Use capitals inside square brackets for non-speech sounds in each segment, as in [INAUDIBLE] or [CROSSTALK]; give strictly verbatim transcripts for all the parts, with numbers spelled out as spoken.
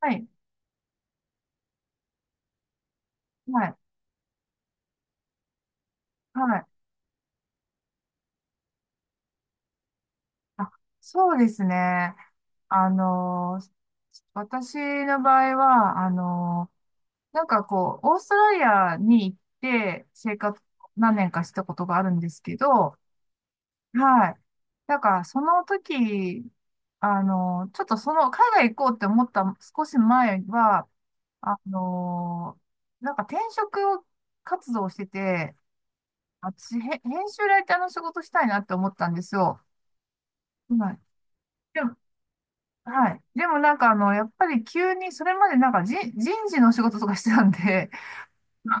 はい、はい、はい。あ、そうですね。あのー、私の場合は、あのー、なんかこう、オーストラリアに行って生活何年かしたことがあるんですけど、はい。なんか、その時、あのー、ちょっとその、海外行こうって思った少し前は、あのー、なんか転職活動をしてて、私、へ編集ライターの仕事したいなって思ったんですよ。はい。はい。でもなんかあの、やっぱり急に、それまでなんかじ人事の仕事とかしてたんで、は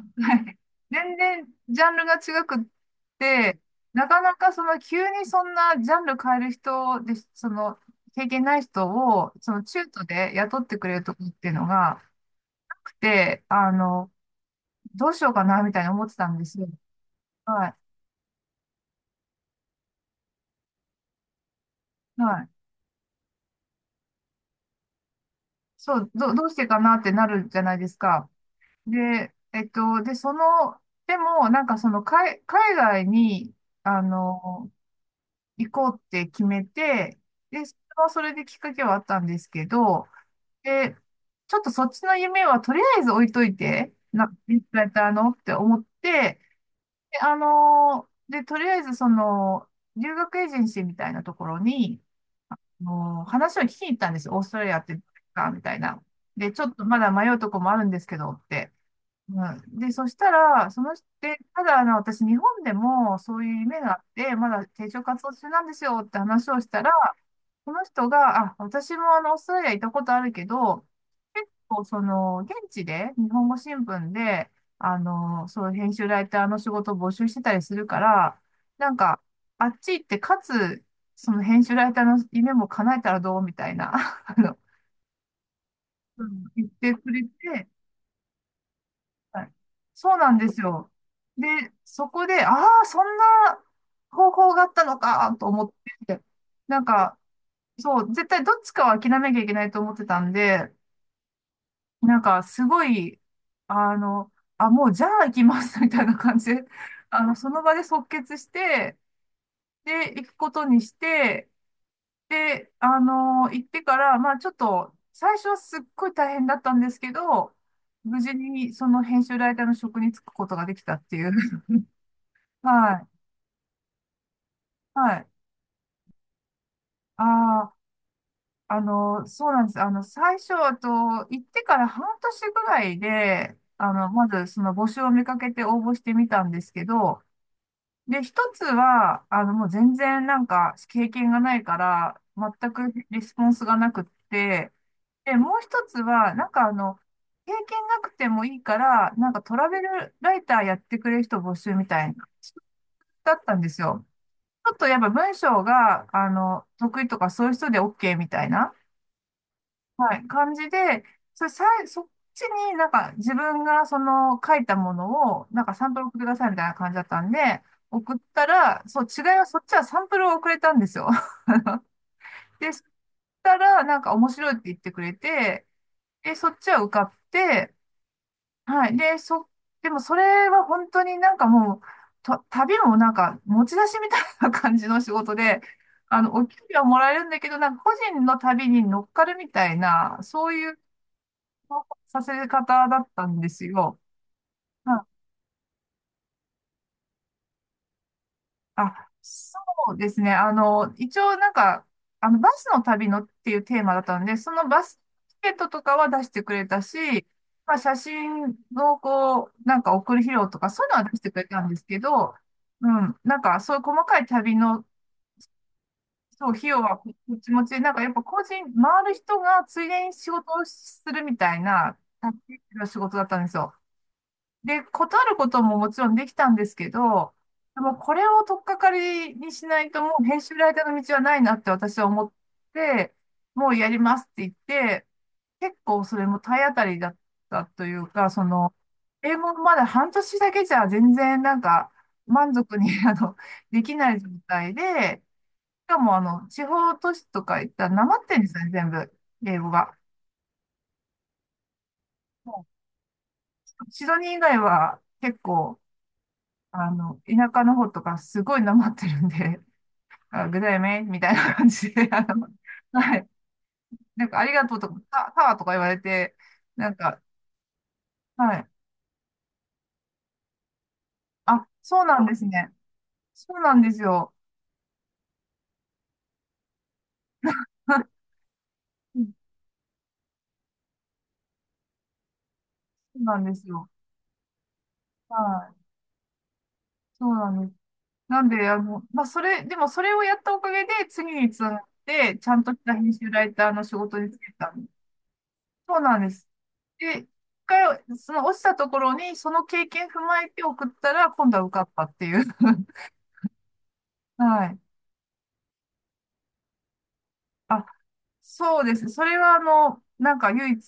い。全然ジャンルが違くって、なかなかその急にそんなジャンル変える人で、その経験ない人を、その中途で雇ってくれるとこっていうのがなくて、あの、どうしようかなみたいに思ってたんですよ。はい。はい。そう、ど、どうしてかなってなるじゃないですか。で、えっと、で、その、でも、なんかその、海、海外に、あの、行こうって決めて、で、それはそれできっかけはあったんですけど、で、ちょっとそっちの夢はとりあえず置いといて、な、いつだったらのって思って、で、あの、で、とりあえずその、留学エージェンシーみたいなところに、もう話を聞きに行ったんですよ。オーストラリアってどうですかみたいな。で、ちょっとまだ迷うとこもあるんですけどって。うん、で、そしたら、その人、で、ただ、あの、私、日本でもそういう夢があって、まだ定常活動中なんですよって話をしたら、その人が、あ、私もあの、オーストラリア行ったことあるけど、結構、その、現地で、日本語新聞で、あの、そう、編集ライターの仕事を募集してたりするから、なんか、あっち行って、かつ、その編集ライターの夢も叶えたらどうみたいな、[LAUGHS] あの、うん言ってくれて、はい、そうなんですよ。で、そこで、ああ、そんな方法があったのかと思って、なんか、そう、絶対どっちかは諦めなきゃいけないと思ってたんで、なんか、すごい、あの、あ、もうじゃあ行きます [LAUGHS] みたいな感じで、あの、その場で即決して、で、行くことにして、で、あの、行ってから、まあちょっと、最初はすっごい大変だったんですけど、無事にその編集ライターの職に就くことができたっていう。はい、はい。ああ、あの、そうなんです。あの、最初、あと、行ってから半年ぐらいで、あの、まず、その募集を見かけて応募してみたんですけど、で、一つは、あの、もう全然なんか、経験がないから、全くリスポンスがなくって、で、もう一つは、なんかあの、経験なくてもいいから、なんかトラベルライターやってくれる人募集みたいな、だったんですよ。ょっとやっぱ文章が、あの、得意とかそういう人で オーケー みたいな、はい、感じで、それさい、そっちになんか自分がその書いたものを、なんかサンプル送ってくださいみたいな感じだったんで、送ったら、そう、違いはそっちはサンプルを送れたんですよ。[LAUGHS] で、そしたら、なんか面白いって言ってくれて、で、そっちは受かって、はい。で、そ、でもそれは本当になんかもう、た旅もなんか持ち出しみたいな感じの仕事で、あの、お給料もらえるんだけど、なんか個人の旅に乗っかるみたいな、そういうさせ方だったんですよ。あ、そうですね。あの、一応なんか、あの、バスの旅のっていうテーマだったんで、そのバスチケットとかは出してくれたし、まあ、写真のこう、なんか送る費用とか、そういうのは出してくれたんですけど、うん、なんかそういう細かい旅の、そう、費用はこっち持ちで、なんかやっぱ個人、回る人がついでに仕事をするみたいな、タクシーの仕事だったんですよ。で、断ることももちろんできたんですけど、でもこれを取っかかりにしないともう編集ライターの道はないなって私は思って、もうやりますって言って、結構それも体当たりだったというか、その、英語まだ半年だけじゃ全然なんか満足に [LAUGHS] あの、できない状態で、しかもあの、地方都市とか行ったらなまってんですよね、全部、英語が。もうシドニー以外は結構、あの、田舎の方とかすごいなまってるんで、あ、ぐだよねみたいな感じで、[LAUGHS] あの、はい。なんか、ありがとうとか、た、ワーとか言われて、なんか、はい。あ、そうなんですね。そうなんですよ。[LAUGHS] うん、そうなんですよ。はい。そうなんです。なんで、あの、まあ、それ、でもそれをやったおかげで、次につながって、ちゃんとした編集ライターの仕事に就けたんです。そうなんです。で、いっかい、その落ちたところに、その経験踏まえて送ったら、今度は受かったっていう。[LAUGHS] はい。あ、そうです。それは、あの、なんか唯一、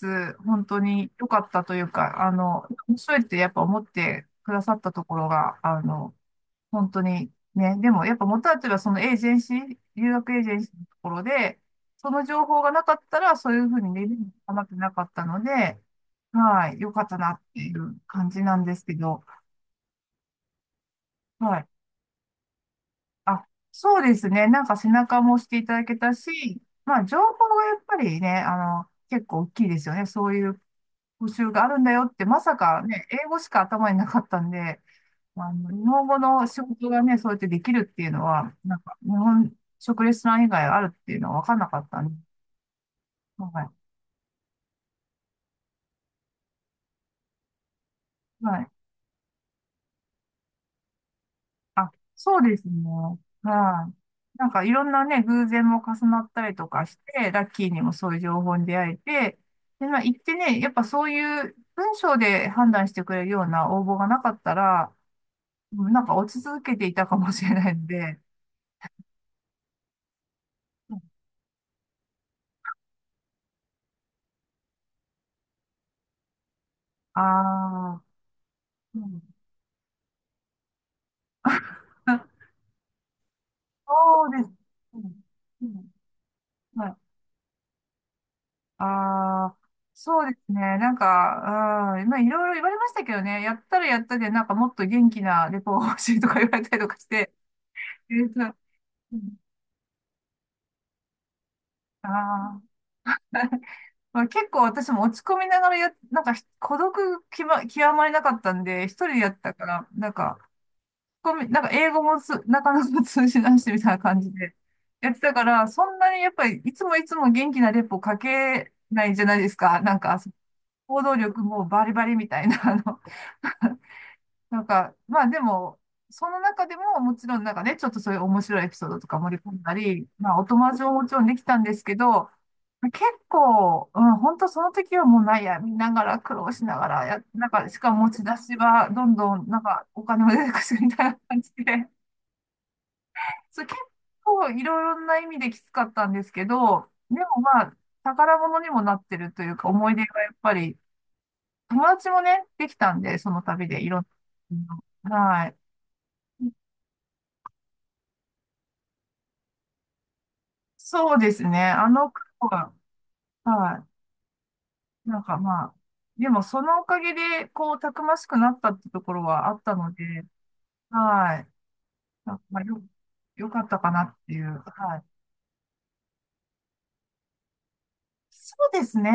本当に良かったというか、あの、面白いってやっぱ思ってくださったところが、あの、本当にね、でもやっぱ元はといえばそのエージェンシー、留学エージェンシーのところで、その情報がなかったら、そういうふうにレベルにまってなかったので、はい、良かったなっていう感じなんですけど、はい。あ、そうですね。なんか背中も押していただけたし、まあ情報がやっぱりね、あの、結構大きいですよね。そういう募集があるんだよって、まさかね、英語しか頭になかったんで、まあの、日本語の仕事がね、そうやってできるっていうのは、なんか日本食レストラン以外あるっていうのは分かんなかったんで、はい。はい、あ、そうですね。はい。なんかいろんなね、偶然も重なったりとかして、ラッキーにもそういう情報に出会えて、で、まあ行ってね、やっぱそういう文章で判断してくれるような応募がなかったら、うん、なんか落ち続けていたかもしれないんで、ああー、うん [LAUGHS] そうです。うん、うん、はい。ああ、そうですね。なんか、うん、まあ、いろいろ言われましたけどね、やったらやったで、なんかもっと元気なレポが欲しいとか言われたりとかして、憂鬱な、あーまあ、結構私も落ち込みながらや、なんかひ孤独きま、極まりなかったんで、一人でやったから、なんか、ごめんなんか英語もつなかなか通じないしみたいな感じでやってたから、そんなにやっぱりいつもいつも元気なレポかけないじゃないですか。なんか、行動力もバリバリみたいな、あの、なんか、まあでも、その中でももちろんなんかね、ちょっとそういう面白いエピソードとか盛り込んだり、まあお友達ももちろんできたんですけど、結構、うん、本当その時はもう悩みながら苦労しながらや、なんか、しかも持ち出しはどんどんなんかお金も出てくるみたいな感じで、[LAUGHS] それ結構いろいろな意味できつかったんですけど、でもまあ、宝物にもなってるというか思い出がやっぱり、友達もね、できたんで、その旅でいろんな、はい。そうですね。あの子は、はい。なんかまあ、でもそのおかげで、こう、たくましくなったってところはあったので、はい。なんかまあ、よ、よかったかなっていう。はい。そうですね。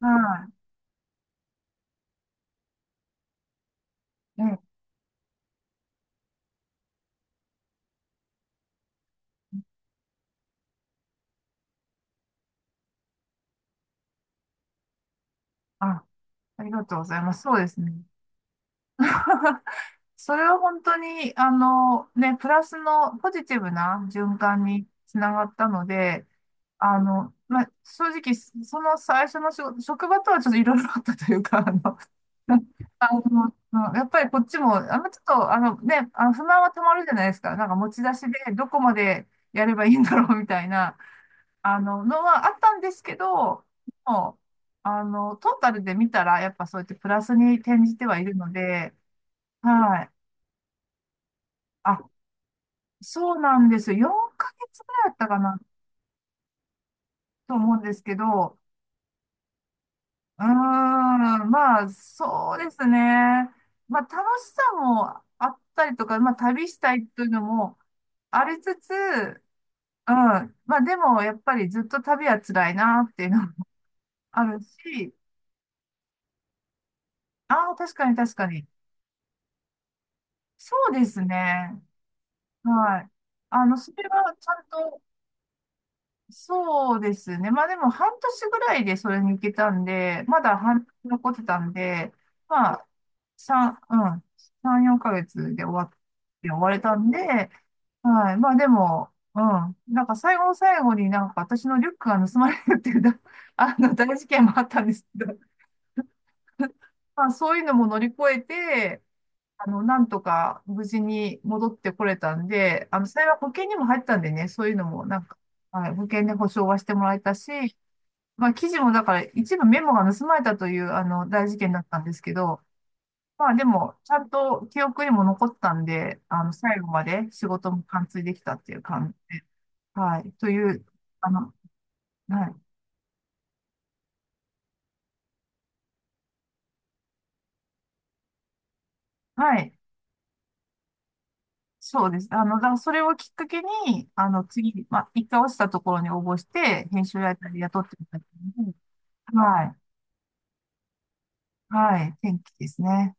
はい。え、あ、ありがとうございます。そうですね。[LAUGHS] それは本当に、あの、ね、プラスのポジティブな循環につながったので、あの、まあ、正直、その最初の仕事職場とはちょっといろいろあったというか、あの、あの、やっぱりこっちも、あの、ちょっと、あのね、あの不満はたまるじゃないですか。なんか持ち出しでどこまでやればいいんだろうみたいな、あの、のはあったんですけど、もう、あの、トータルで見たら、やっぱそうやってプラスに転じてはいるので、はい。あ、そうなんですよ。よんかげつぐらいだったかなと思うんですけど、うーん、まあ、そうですね。まあ、楽しさもあったりとか、まあ、旅したいというのも、ありつつ、うん。まあでも、やっぱりずっと旅は辛いなっていうのも [LAUGHS] あるし、ああ、確かに確かに。そうですね。はい。あの、それはちゃんと、そうですね。まあでも、半年ぐらいでそれに行けたんで、まだ半年残ってたんで、ま三うん、さん、よんかげつで終わって、終われたんで、はい。まあでも、うん。なんか最後の最後になんか私のリュックが盗まれるっていうだ、[LAUGHS] あの、大事件もあったんですけど、まあそういうのも乗り越えて、あの、なんとか無事に戻ってこれたんで、あの、幸い保険にも入ったんでね、そういうのもなんか、はい、保険で保証はしてもらえたし、まあ記事もだから一部メモが盗まれたという、あの、大事件だったんですけど、まあでも、ちゃんと記憶にも残ったんで、あの、最後まで仕事も完遂できたっていう感じで、はい、という、あの、はい、はい、そうです。あの、だからそれをきっかけに、あの、次、まあ、一回落ちたところに応募して、編集ライターで雇ってもらったので、はい、はい、転機ですね。